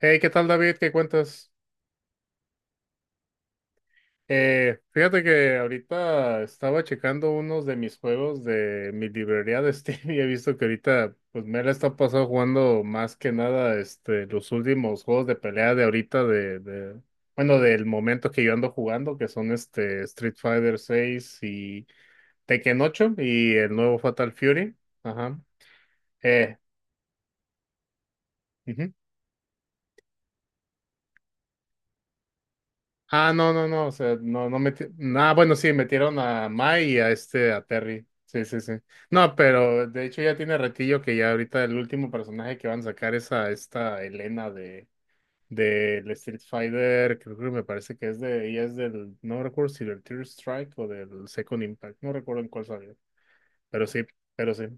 Hey, ¿qué tal, David? ¿Qué cuentas? Fíjate que ahorita estaba checando unos de mis juegos de mi librería de Steam y he visto que ahorita, pues me la está pasando jugando más que nada este, los últimos juegos de pelea de ahorita, bueno, del momento que yo ando jugando, que son este Street Fighter seis y Tekken ocho y el nuevo Fatal Fury. Ajá. Eh, ujú. Ah, no, no, no, o sea, no, no metieron, ah, bueno, sí, metieron a Mai y a este, a Terry, sí, sí, sí, no, pero de hecho ya tiene ratillo que ya ahorita el último personaje que van a sacar es a esta Elena de, del Street Fighter, creo que me parece que es de, ella es del, no recuerdo si del Third Strike o del Second Impact, no recuerdo en cuál salió, pero sí, pero sí,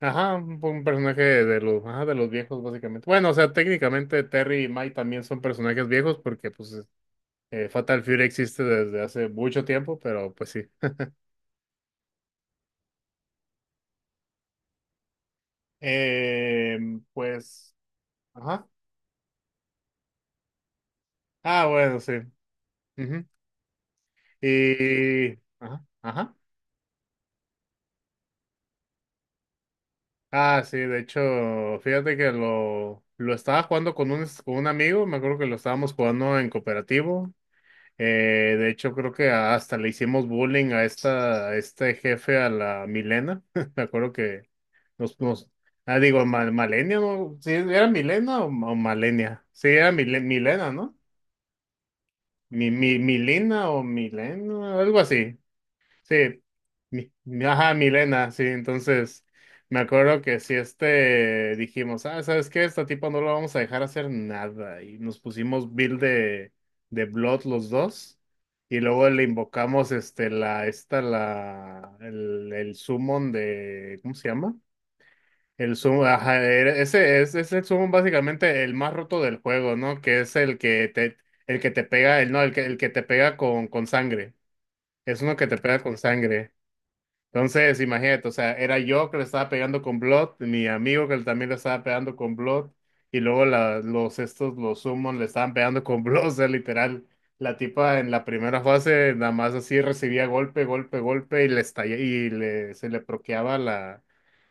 ajá, un personaje de los, ajá, de los viejos básicamente, bueno, o sea, técnicamente Terry y Mai también son personajes viejos porque pues Fatal Fury existe desde hace mucho tiempo, pero pues sí. Eh, pues, ajá. Ah, bueno, sí. Ujú. Y, ajá, ajá. Ah, sí, de hecho, fíjate que lo estaba jugando con un amigo, me acuerdo que lo estábamos jugando en cooperativo. De hecho, creo que hasta le hicimos bullying a esta, a este jefe, a la Milena. Me acuerdo que Nos, nos- ah, digo, mal, Malenia, ¿no? Sí, ¿era Milena o Malenia? Sí, era Milena, ¿no? Milina o Milena, algo así. Sí, ajá, Milena, sí. Entonces, me acuerdo que si este dijimos, ah, ¿sabes qué? Esta tipo no lo vamos a dejar hacer nada. Y nos pusimos build de Blood los dos. Y luego le invocamos este, la, esta, la, el summon de, ¿cómo se llama? El Summon, ajá, ese es el Summon básicamente el más roto del juego, ¿no? Que es el que te pega, el no, el que te pega con sangre. Es uno que te pega con sangre. Entonces, imagínate, o sea, era yo que le estaba pegando con Blood, mi amigo que también le estaba pegando con Blood, y luego los Summon le estaban pegando con Blood, o sea, literal. La tipa en la primera fase nada más así recibía golpe, golpe, golpe, y le estalla, y le, se le proqueaba la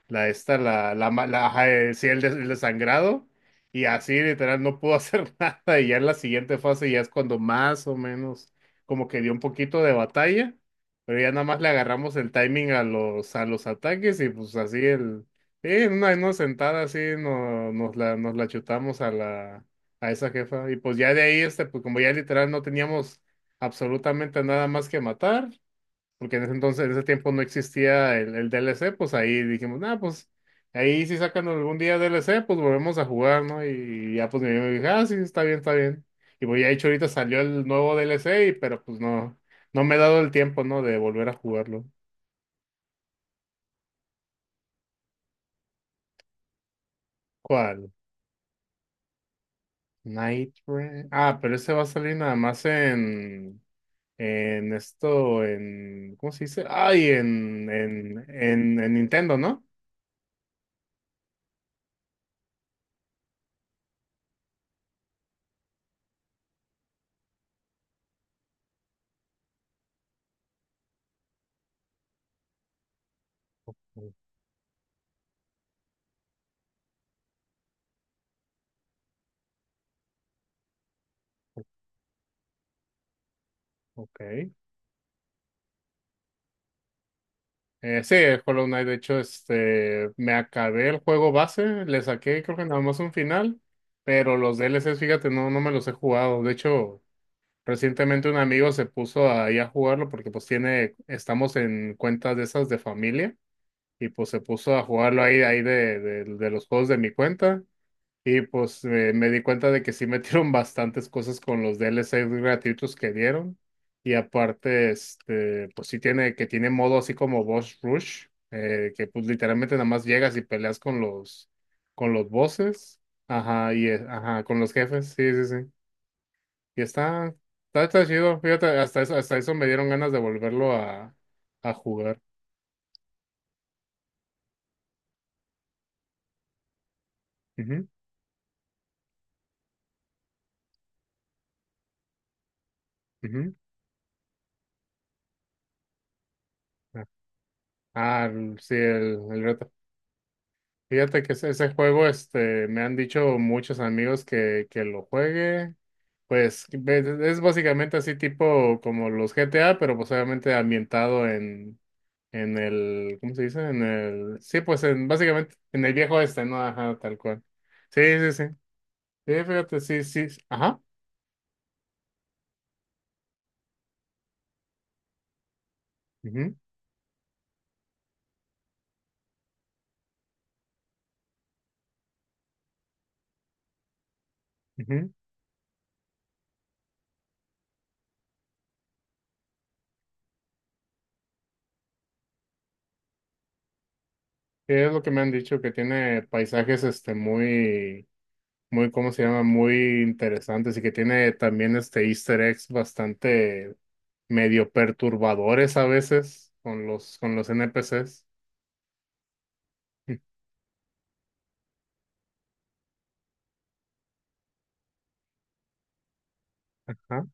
la esta, la, ma- la, ajá, sí, el desangrado, y así literal no pudo hacer nada, y ya en la siguiente fase ya es cuando más o menos como que dio un poquito de batalla, pero ya nada más le agarramos el timing a los ataques, y pues así el, sí, en una sentada así no, nos la chutamos a la, a esa jefa, y pues ya de ahí, este, pues como ya literal no teníamos absolutamente nada más que matar, porque en ese entonces, en ese tiempo no existía el D L C pues ahí dijimos, nah, pues ahí si sacan algún día D L C pues volvemos a jugar, ¿no? Y, ya pues mi amigo dijo, ah, sí, está bien, está bien. Y pues ya de hecho ahorita salió el nuevo D DLC, pero pues no, no me he dado el tiempo, ¿no? De volver a jugarlo. ¿Cuál? Night Rain. Ah, pero ese va a salir nada más en esto, en, ¿cómo se dice? Ay, en Nintendo, ¿no? Ok. Sí, el Hollow Knight, de hecho, este, me acabé el juego base, le saqué creo que nada más un final, pero los DLCs, fíjate, no, no me los he jugado. De hecho, recientemente un amigo se puso ahí a jugarlo porque pues tiene, estamos en cuentas de esas de familia y pues se puso a jugarlo ahí, de los juegos de mi cuenta y pues me di cuenta de que sí metieron bastantes cosas con los DLCs gratuitos que dieron. Y aparte, este, que tiene modo así como Boss Rush, que pues literalmente nada más llegas y peleas con los bosses. Ajá, y ajá, con los jefes, sí, sí, sí. Y está, está chido, fíjate, hasta eso me dieron ganas de volverlo a jugar. Ujú, ujú. Sí, el reto. Fíjate que ese juego, este, me han dicho muchos amigos que lo juegue. Pues es básicamente así tipo como los GTA, pero pues obviamente ambientado en el, ¿cómo se dice? En el, sí, pues en, básicamente en el viejo este, ¿no? Ajá, tal cual. Sí, sí, sí. Sí, fíjate, sí, sí. sí. Ajá. Ujú, ujú. Sí, es lo que me han dicho, que tiene paisajes, este, muy, muy, ¿cómo se llama? Muy interesantes y que tiene también, este, Easter eggs bastante medio perturbadores a veces con los NPCs. Ajá.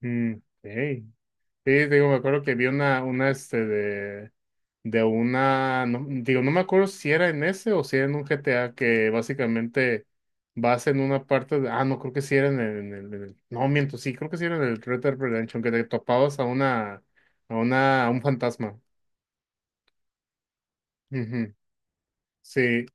Mm, ok. Sí, digo, me acuerdo que vi una este de una, no- digo, no me acuerdo si era en ese o si era en un GTA que básicamente vas en una parte de, ah, no, creo que sí era en el, no, miento, sí, creo que sí era en el Red Dead Redemption, que te topabas a una, a un fantasma. Ujú. Sí,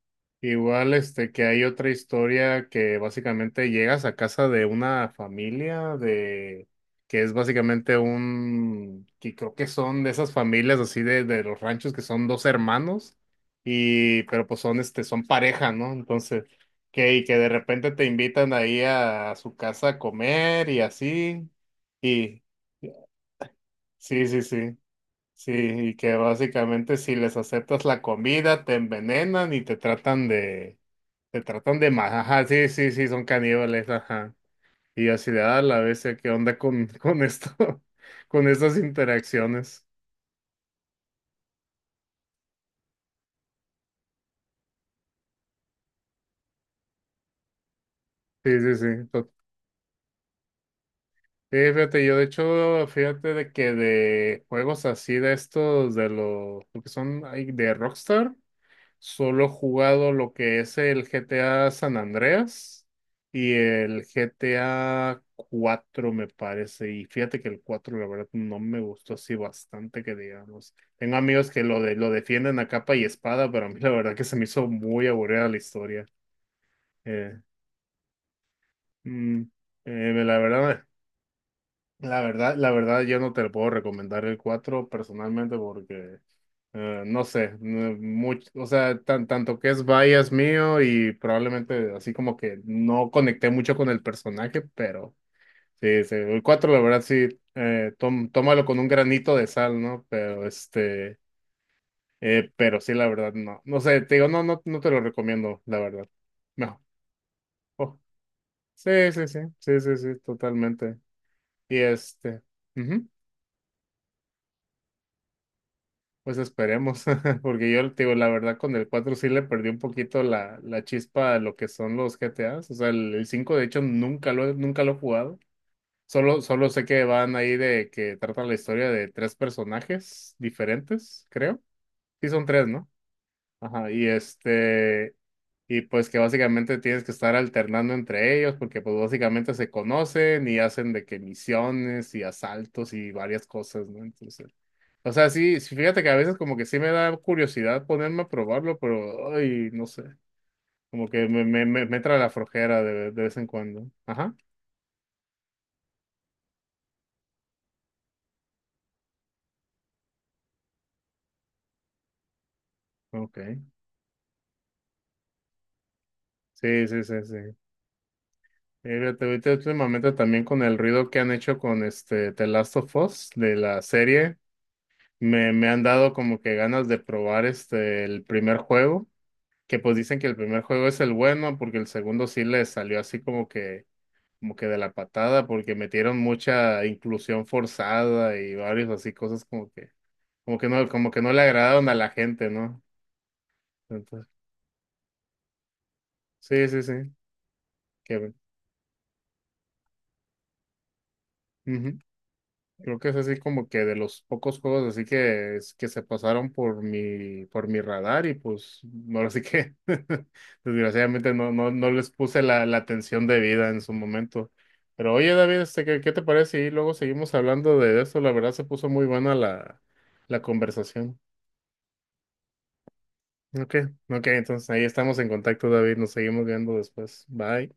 igual este que hay otra historia que básicamente llegas a casa de una familia de que es básicamente un que creo que son de esas familias así de los ranchos que son dos hermanos y pero pues son este son pareja, ¿no? Entonces, que y que de repente te invitan ahí a, su casa a comer y así y sí, sí, sí. Sí, y que básicamente si les aceptas la comida, te envenenan y te tratan de más. Ajá, sí, sí, sí, son caníbales, ajá. Y yo así de, a la bestia, ¿qué onda con esto? Con estas interacciones. Sí, sí, sí. Sí, fíjate, yo de hecho, fíjate de que de juegos así de estos, lo que son ahí de Rockstar. Solo he jugado lo que es el GTA San Andreas y el GTA 4 me parece. Y fíjate que el 4 la verdad, no me gustó así bastante que digamos. Tengo amigos que lo defienden a capa y espada, pero a mí la verdad que se me hizo muy aburrida la historia. Eh, mm, la verdad. La verdad, yo no te lo puedo recomendar el 4 personalmente porque no sé, o sea, tanto que es bias mío y probablemente así como que no conecté mucho con el personaje, pero sí, sí, el 4 la verdad sí, tómalo con un granito de sal, ¿no? Pero este, pero sí, la verdad, no, no sé, te digo, no, no, no te lo recomiendo, la verdad. No. Oh, sí, sí, sí, sí, sí, sí, totalmente. Y este. Ujú. Pues esperemos, porque yo te digo, la verdad con el 4 sí le perdí un poquito la, la chispa a lo que son los GTAs. O sea, el 5 de hecho nunca nunca lo he jugado. Solo sé que van ahí de que trata la historia de tres personajes diferentes, creo. Sí son tres, ¿no? Ajá, y este, y pues que básicamente tienes que estar alternando entre ellos, porque pues básicamente se conocen y hacen de que misiones y asaltos y varias cosas, ¿no? Entonces... O sea, sí, sí, fíjate que a veces como que sí me da curiosidad ponerme a probarlo, pero, ay, no sé, como que me entra la flojera de vez en cuando. Ajá, ok. Sí, sí, sí, sí. Fíjate, ahorita últimamente también con el ruido que han hecho con este The Last of Us de la serie, me han dado como que ganas de probar este el primer juego, que pues dicen que el primer juego es el bueno, porque el segundo sí le salió así como que de la patada, porque metieron mucha inclusión forzada y varios así cosas como que no le agradaron a la gente, ¿no? Entonces, sí, sí, sí, que, ujú. Creo que es así como que de los pocos juegos así que, que se pasaron por mi radar y pues no, así que desgraciadamente no, no, no les puse la, la atención debida en su momento. Pero oye, David, este, ¿qué, qué te parece? Y luego seguimos hablando de eso. La verdad se puso muy buena la, la conversación. Ok, ok, entonces ahí estamos en contacto, David. Nos seguimos viendo después. Bye.